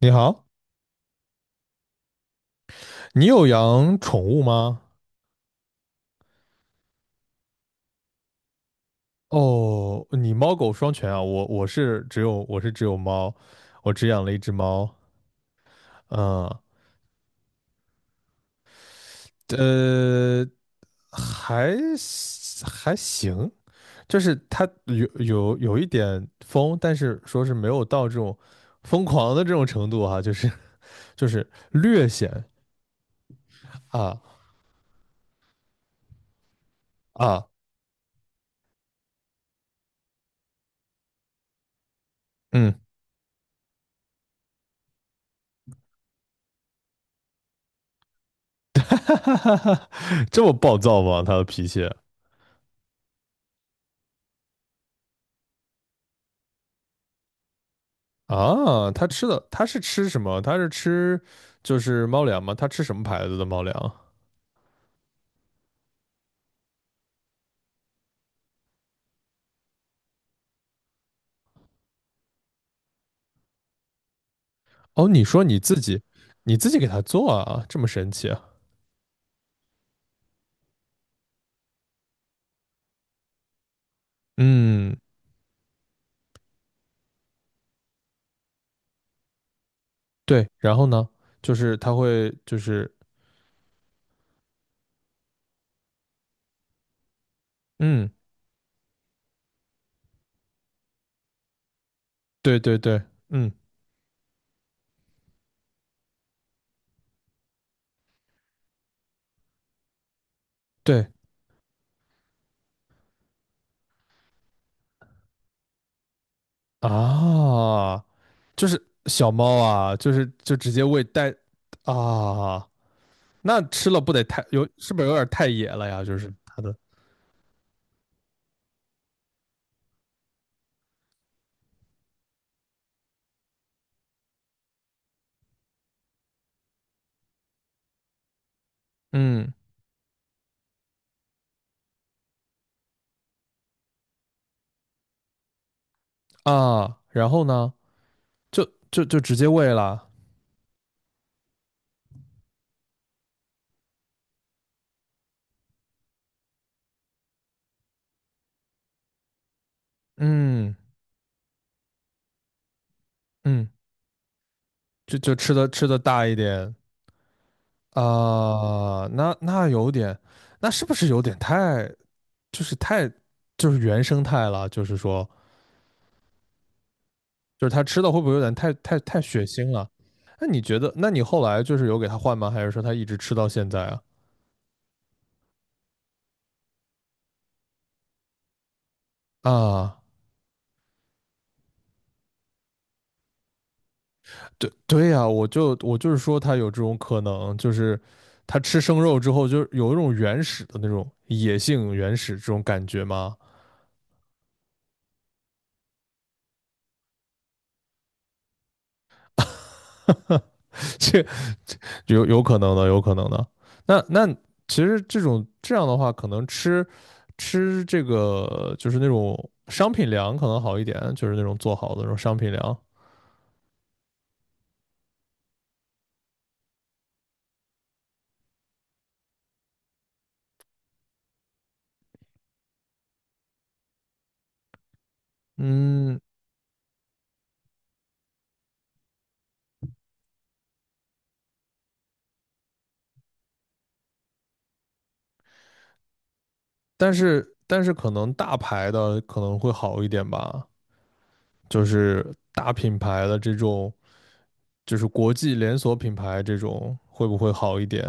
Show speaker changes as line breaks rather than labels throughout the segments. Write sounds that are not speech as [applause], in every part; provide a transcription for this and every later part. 你好，你有养宠物吗？哦，你猫狗双全啊，我是只有猫，我只养了一只猫。嗯，呃，还还行，就是它有一点疯，但是说是没有到这种疯狂的这种程度哈、就是略显啊啊。嗯，[laughs] 这么暴躁吗？它的脾气？啊，它吃的它是吃什么？它是吃就是猫粮吗？它吃什么牌子的猫粮？哦，你说你自己你自己给它做啊，这么神奇啊？嗯，对。然后呢，就是它会就是嗯，对对对，嗯，对啊，就是小猫啊，就是就直接喂带，啊，那吃了不得太有是不是有点太野了呀？就是它的嗯，啊，然后呢，就就就直接喂了。嗯嗯，就就吃的吃的大一点。啊，那那有点，那是不是有点太就是太就是原生态了？就是说，就是他吃的会不会有点太血腥了？那你觉得？那你后来就是有给他换吗？还是说他一直吃到现在啊？啊，对对呀，我就是说他有这种可能，就是他吃生肉之后，就是有一种原始的那种野性原始这种感觉吗？[laughs] 哈，这有有可能的，有可能的。那那其实这种这样的话，可能吃吃这个就是那种商品粮可能好一点，就是那种做好的那种商品粮。嗯，但是可能大牌的可能会好一点吧，就是大品牌的这种，就是国际连锁品牌这种会不会好一点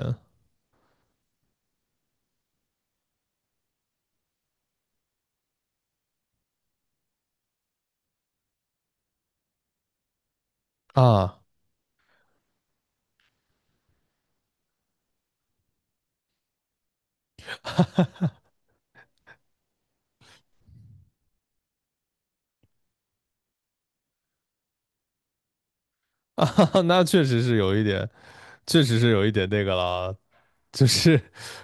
啊？啊，[laughs] 那确实是有一点，确实是有一点那个了，就是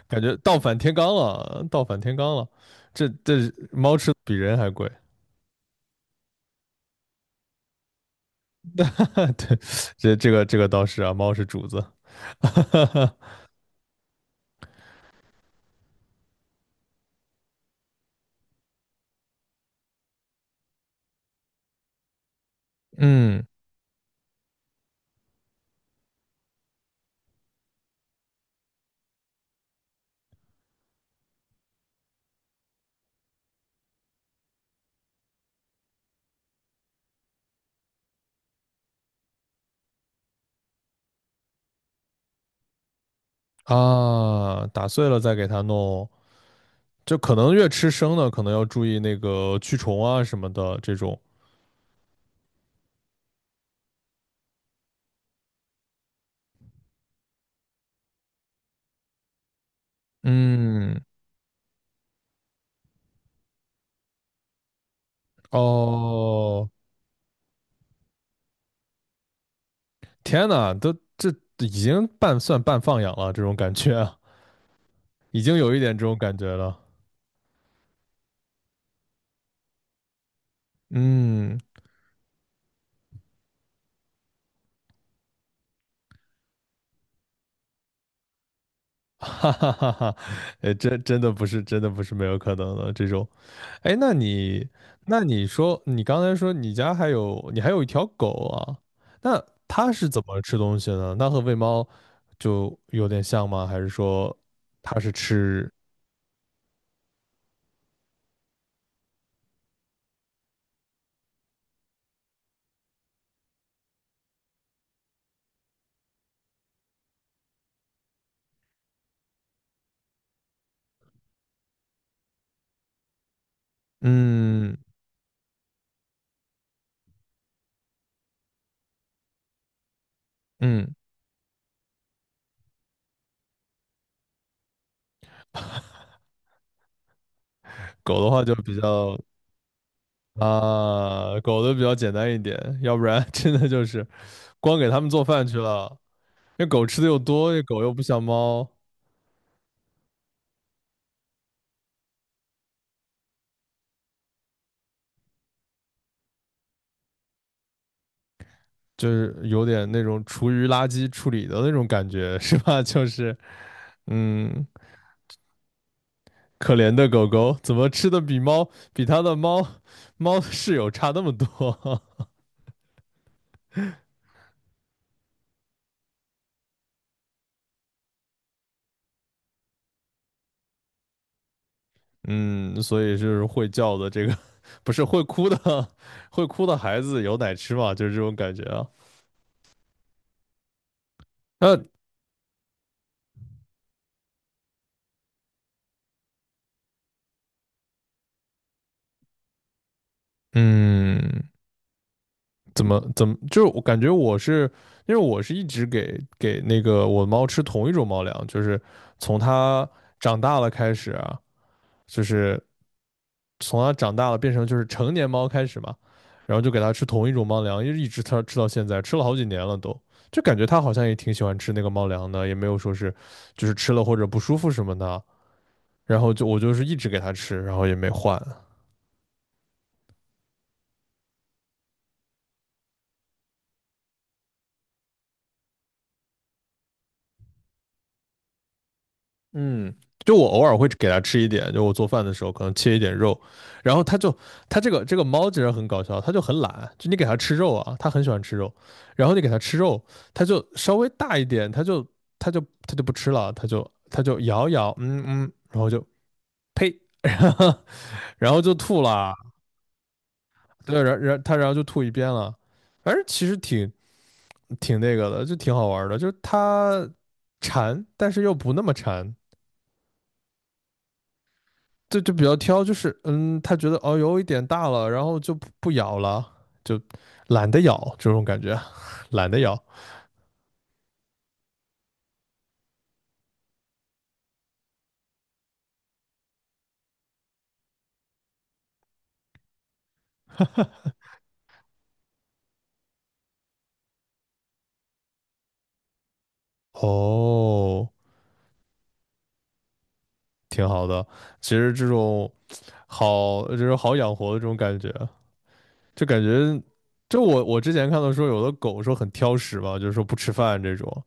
感觉倒反天罡了，倒反天罡了。这这猫吃比人还贵，[laughs] 对，这这个这个倒是啊，猫是主子，[laughs] 嗯，啊，打碎了再给它弄，就可能越吃生的，可能要注意那个驱虫啊什么的这种。嗯，哦，天呐，都这已经半算半放养了，这种感觉啊，已经有一点这种感觉了。嗯，[laughs] 哈哈哈哈，真真的不是，真的不是没有可能的这种。哎，那你，那你说，你刚才说你家还有，你还有一条狗啊？那它是怎么吃东西呢？那和喂猫就有点像吗？还是说它是吃？嗯嗯，狗的话就比较，啊，狗的比较简单一点，要不然 [laughs] 真的就是光给它们做饭去了。那狗吃的又多，狗又不像猫。就是有点那种厨余垃圾处理的那种感觉，[laughs] 是吧？就是嗯，可怜的狗狗怎么吃的比猫比它的猫猫室友差那么多？[laughs] 嗯，所以就是会叫的这个不是会哭的 [laughs] 会哭的孩子有奶吃嘛？就是这种感觉啊。那嗯，怎么怎么就是我感觉我是。因为我是一直给那个我猫吃同一种猫粮，就是从它长大了开始啊，就是从它长大了变成就是成年猫开始嘛，然后就给它吃同一种猫粮，一直它吃到现在，吃了好几年了都，就感觉它好像也挺喜欢吃那个猫粮的，也没有说是就是吃了或者不舒服什么的，然后就我就是一直给它吃，然后也没换。嗯，就我偶尔会给它吃一点，就我做饭的时候可能切一点肉，然后它就它这个这个猫其实很搞笑，它就很懒，就你给它吃肉啊，它很喜欢吃肉，然后你给它吃肉，它就稍微大一点，它就它就不吃了，它就它就咬咬，嗯嗯，然后就呸，[laughs] 然后然后就吐了，对，然然它然后就吐一边了，反正其实挺挺那个的，就挺好玩儿的，就是它馋，但是又不那么馋，对，就比较挑，就是嗯，他觉得哦有一点大了，然后就不咬了，就懒得咬这种感觉，[laughs] 懒得咬。[laughs] 哦，挺好的。其实这种好，就是好养活的这种感觉，就感觉，就我之前看到说有的狗说很挑食嘛，就是说不吃饭这种。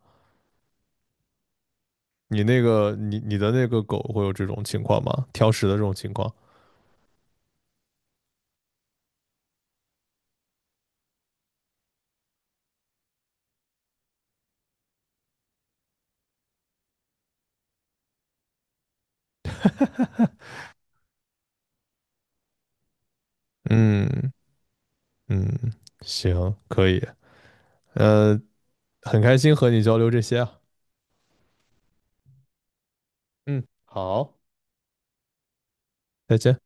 你那个你的那个狗会有这种情况吗？挑食的这种情况？嗯嗯，行，可以。呃，很开心和你交流这些啊。嗯，好，再见。